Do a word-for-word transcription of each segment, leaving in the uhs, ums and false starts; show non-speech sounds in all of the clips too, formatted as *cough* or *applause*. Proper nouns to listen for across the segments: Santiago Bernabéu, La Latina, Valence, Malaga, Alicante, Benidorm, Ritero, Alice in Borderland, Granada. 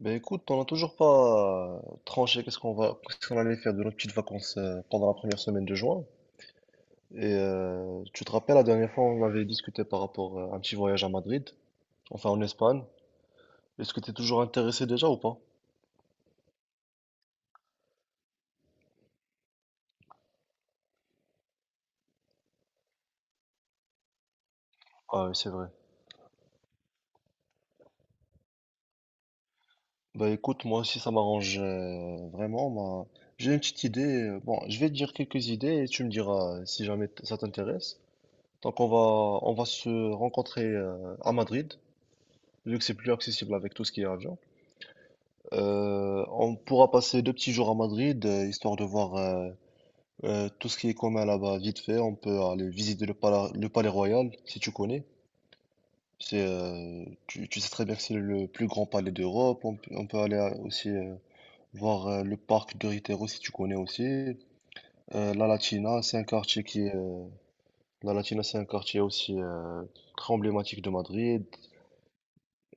Ben écoute, on n'a toujours pas euh, tranché qu'est-ce qu'on va, qu'est-ce qu'on allait faire de nos petites vacances euh, pendant la première semaine de juin. Et euh, tu te rappelles, la dernière fois, on avait discuté par rapport euh, à un petit voyage à Madrid, enfin en Espagne. Est-ce que tu es toujours intéressé déjà ou pas? Ah oui, c'est vrai. Bah écoute, moi aussi ça m'arrange euh, vraiment. Moi. J'ai une petite idée. euh, Bon, je vais te dire quelques idées et tu me diras euh, si jamais t- ça t'intéresse. Donc on va on va se rencontrer euh, à Madrid, vu que c'est plus accessible avec tout ce qui est avion. Euh, on pourra passer deux petits jours à Madrid, euh, histoire de voir euh, euh, tout ce qui est commun là-bas vite fait. On peut aller visiter le palais, le palais royal, si tu connais. C'est, euh, tu, tu sais très bien que c'est le plus grand palais d'Europe. On, peut on peut aller euh, aussi euh, voir euh, le parc de Ritero, si tu connais aussi. Euh, La Latina, c'est un quartier qui est, euh, La Latina, c'est un quartier aussi euh, très emblématique de Madrid.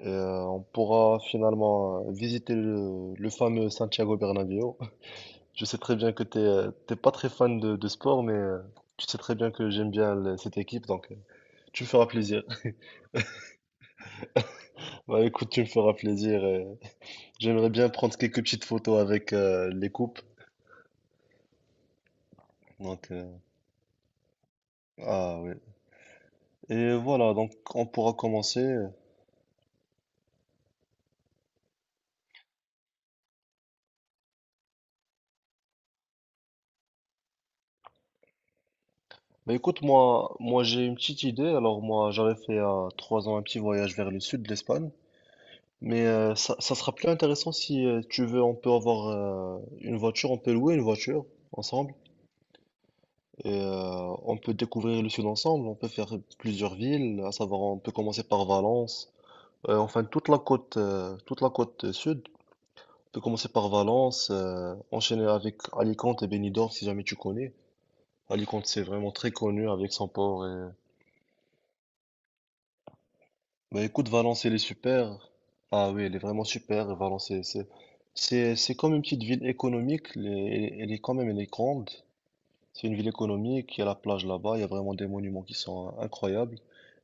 Euh, on pourra finalement euh, visiter le, le fameux Santiago Bernabéu. Je sais très bien que t'es, euh, t'es pas très fan de, de sport, mais euh, tu sais très bien que j'aime bien le- cette équipe, donc euh, tu me feras plaisir. *laughs* Bah écoute, tu me feras plaisir. Euh, j'aimerais bien prendre quelques petites photos avec euh, les coupes. Donc euh, ah ouais. Et voilà, donc on pourra commencer. Bah écoute, moi, moi j'ai une petite idée. Alors moi, j'avais fait à trois ans un petit voyage vers le sud de l'Espagne, mais euh, ça, ça sera plus intéressant si euh, tu veux. On peut avoir euh, une voiture, on peut louer une voiture ensemble. Et euh, on peut découvrir le sud ensemble, on peut faire plusieurs villes, à savoir on peut commencer par Valence. Euh, enfin toute la côte, euh, toute la côte sud. On peut commencer par Valence, euh, enchaîner avec Alicante et Benidorm si jamais tu connais. Alicante c'est vraiment très connu avec son port. Et... Bah écoute, Valence elle est super. Ah oui, elle est vraiment super. Valence c'est c'est c'est c'est comme une petite ville économique. Elle est, elle est- elle est quand même elle est grande. C'est une ville économique, il y a la plage là-bas, il y a vraiment des monuments qui sont euh, incroyables.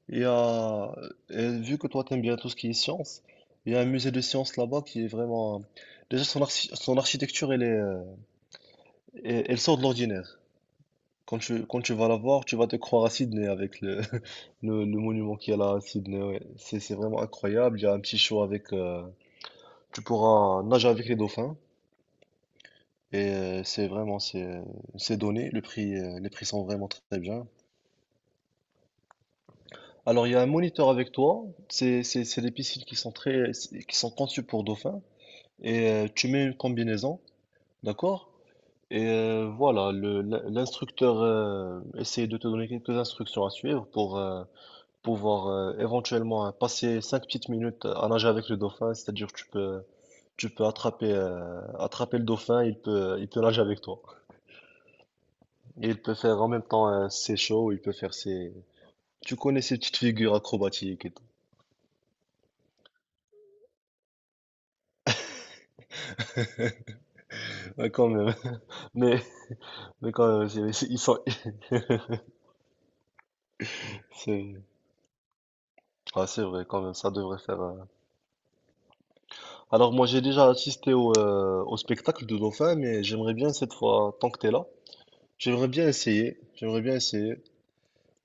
Il y a, euh, et vu que toi t'aimes bien tout ce qui est science, il y a un musée de sciences là-bas qui est vraiment... euh, Déjà son, archi- son architecture, elle est, euh, elle elle sort de l'ordinaire. Quand tu, quand tu vas la voir, tu vas te croire à Sydney avec le, *laughs* le, le monument qu'il y a là à Sydney. Ouais. C'est, c'est vraiment incroyable, il y a un petit show avec... euh, tu pourras nager avec les dauphins. Et euh, c'est vraiment, c'est, euh, c'est donné, le prix, euh, les prix sont vraiment très bien. Alors, il y a un moniteur avec toi. C'est c'est- c'est des piscines qui sont très, qui sont conçues pour dauphins. Et euh, tu mets une combinaison, d'accord? Et euh, voilà, le- l'in- l'instructeur euh, essaie de te donner quelques instructions à suivre pour euh, pouvoir euh, éventuellement euh, passer cinq petites minutes à nager avec le dauphin. C'est-à-dire, tu peux, tu peux attraper, euh, attraper le dauphin. Il peut, il peut nager avec toi. Et il peut faire en même temps euh, ses shows. Il peut faire ses. Tu connais ces petites figures acrobatiques et tout. *laughs* Ouais, quand même. *laughs* Mais Mais quand même, c'est- c'est- ils sont... *laughs* c'est Ah, c'est vrai, quand même, ça devrait faire. euh. Alors, moi, j'ai déjà assisté au, euh, au spectacle de Dauphin, mais j'aimerais bien cette fois, tant que t'es là, j'aimerais bien essayer. J'aimerais bien essayer.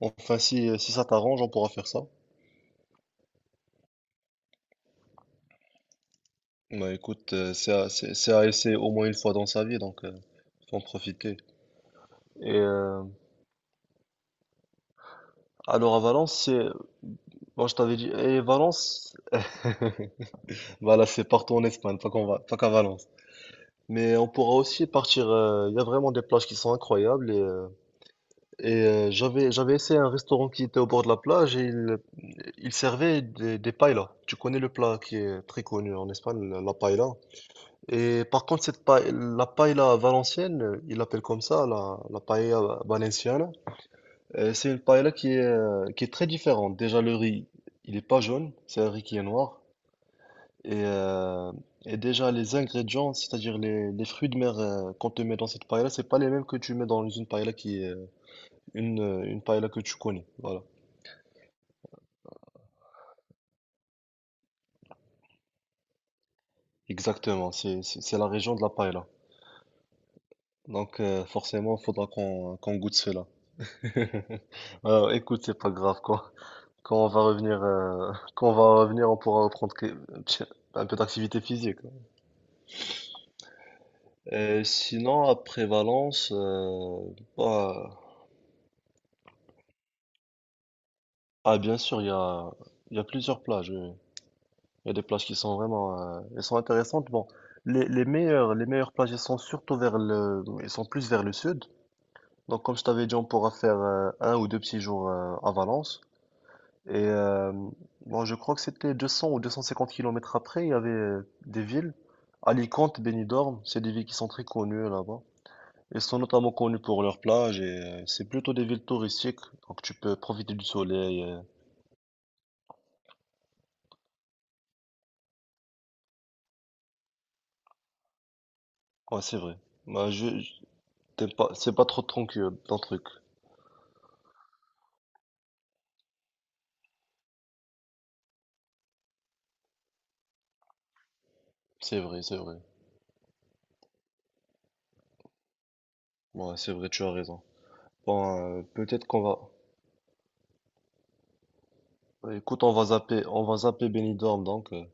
Enfin, si, si ça t'arrange, on pourra faire ça. Bah écoute, euh, c'est à, c'est- c'est à essayer au moins une fois dans sa vie, donc euh, faut en profiter. Et euh, alors, à Valence, c'est. Moi, je t'avais dit, et Valence, *laughs* bah là, c'est partout en Espagne, pas qu'en Va- pas qu'à Valence. Mais on pourra aussi partir. euh, Il y a vraiment des plages qui sont incroyables. Et, euh, et, euh, j'avais j'avais essayé un restaurant qui était au bord de la plage et il, il servait des, des paellas. Tu connais le plat qui est très connu en Espagne, la la paella. Et par contre, cette pae- la paella valencienne, euh, ils l'appellent comme ça, la, la paella valenciana. Euh, c'est une paella qui est, euh, qui est très différente. Déjà, le riz, il est pas jaune, c'est un riz qui est noir. Et, euh, et déjà, les ingrédients, c'est-à-dire les, les fruits de mer euh, qu'on te met dans cette paella, c'est pas les mêmes que tu mets dans une paella qui est euh, une, euh, une paella que tu connais. Voilà. Exactement. C'est, c'est c'est la région de la paella. Donc, euh, forcément, il faudra qu'on qu'on goûte cela. *laughs* Alors, écoute, c'est pas grave, quoi. Quand on va revenir, euh, *laughs* quand on va revenir, on pourra reprendre que- un peu d'activité physique. Euh, sinon, à Prévalence, euh, bah, ah, bien sûr, il y a, il y a plusieurs plages. Il y a des plages qui sont vraiment, euh, elles sont intéressantes. Bon, les, les meilleures, les meilleures plages, elles sont surtout vers le, elles sont plus vers le sud. Donc, comme je t'avais dit, on pourra faire euh, un ou deux petits jours euh, à Valence. Et euh, bon, je crois que c'était deux cents ou deux cent cinquante kilomètres après, il y avait euh, des villes, Alicante, Benidorm, c'est des villes qui sont très connues là-bas. Elles sont notamment connues pour leurs plages et euh, c'est plutôt des villes touristiques, donc tu peux profiter du soleil. euh. Ouais, c'est vrai. Bah, je, je- T'aimes pas, c'est pas trop ton, cul- ton truc. C'est vrai, c'est vrai. Ouais, c'est vrai, tu as raison. Bon, euh, peut-être qu'on va... Ouais, écoute, on va zapper, on va zapper Benidorm, donc. euh.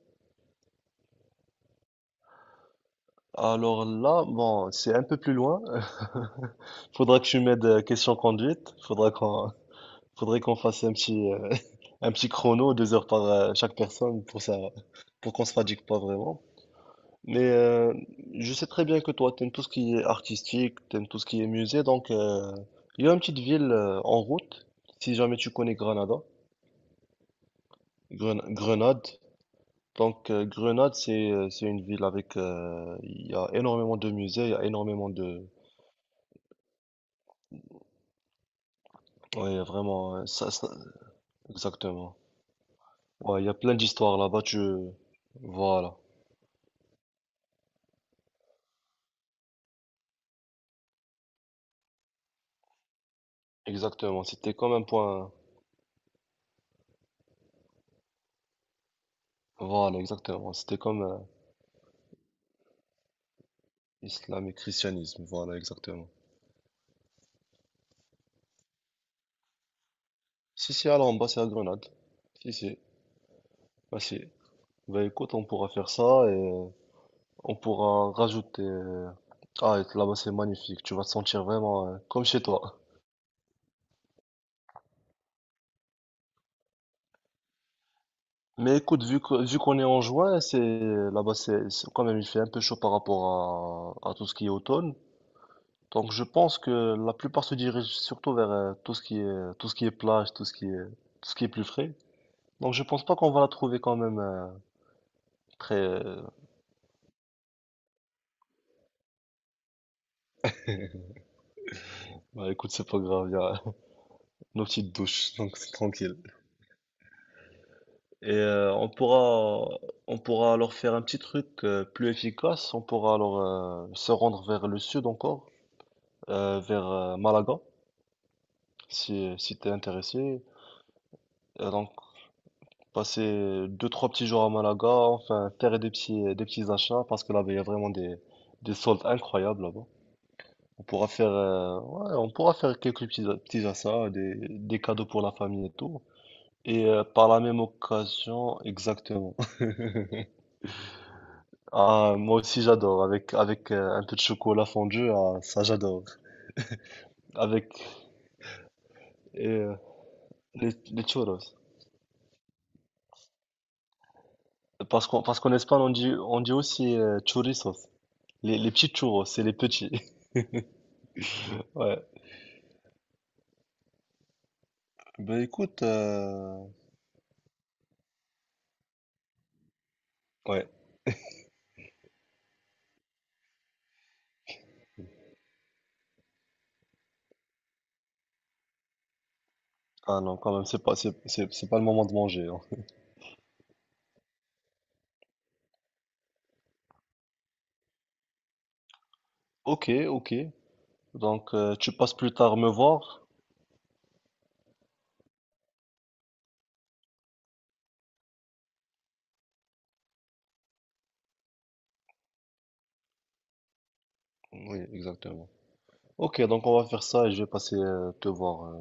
Alors là, bon, c'est un peu plus loin. *laughs* Faudra que tu m'aides euh, question conduite. Faudra qu'on, faudrait qu'on fasse un petit, euh, *laughs* un petit chrono, deux heures par euh, chaque personne pour ça, pour qu'on se fatigue pas vraiment. Mais euh, je sais très bien que toi, t'aimes tout ce qui est artistique, t'aimes tout ce qui est musée, donc euh, il y a une petite ville euh, en route, si jamais tu connais Granada, Gren- Grenade. Donc euh, Grenade, c'est euh, c'est une ville avec euh, il y a énormément de musées, il y a énormément de ouais vraiment euh, ça, ça- exactement. Ouais, il y a plein d'histoires là-bas. Tu Voilà exactement. C'était comme un point voilà exactement. C'était comme euh, islam et christianisme voilà exactement. Si si Alors en bas c'est à Grenade. Si si bah Si. Bah écoute on pourra faire ça et euh, on pourra rajouter. euh, Ah et là-bas c'est magnifique. Tu vas te sentir vraiment euh, comme chez toi. Mais écoute, vu que, vu qu'on est en juin, c'est là-bas, c'est c'est- quand même, il fait un peu chaud par rapport à, à tout ce qui est automne. Donc, je pense que la plupart se dirigent surtout vers euh, tout ce qui est tout ce qui est plage, tout ce qui est tout ce qui est plus frais. Donc, je pense pas qu'on va la trouver quand même euh, très. Euh, bah, écoute, c'est pas grave, il y a *laughs* nos petites douches, donc c'est tranquille. Et euh, on pourra on pourra alors faire un petit truc euh, plus efficace. On pourra alors euh, se rendre vers le sud encore, euh, vers euh, Malaga. Si, si t'es intéressé, euh, donc passer deux, trois petits jours à Malaga, enfin faire des petits, des petits achats parce que là-bas il y a vraiment des, des soldes incroyables là-bas. On pourra faire, euh, ouais, on pourra faire quelques petits, petits achats, des, des cadeaux pour la famille et tout. Et euh, par la même occasion, exactement. *laughs* Ah, moi aussi j'adore, avec, avec euh, un peu de chocolat fondu, ah, ça j'adore. Avec euh, les, les churros. Parce qu'en parce qu'en Espagne on dit, on dit aussi euh, churrisos. Les, les petits churros, c'est les petits. *laughs* Ouais. Ben écoute, euh, ouais. Ah non, quand même, c'est pas, c'est, c'est- c'est pas le moment de manger. Hein. Ok, ok. Donc euh, tu passes plus tard me voir? Oui, exactement. Ok, donc on va faire ça et je vais passer euh, te voir. euh.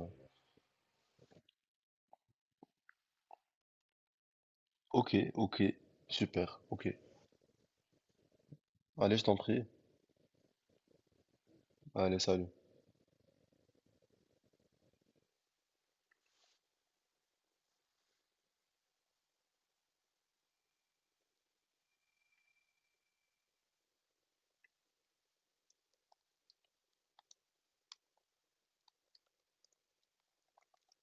Ok, ok. Super, ok. Allez, je t'en prie. Allez, salut.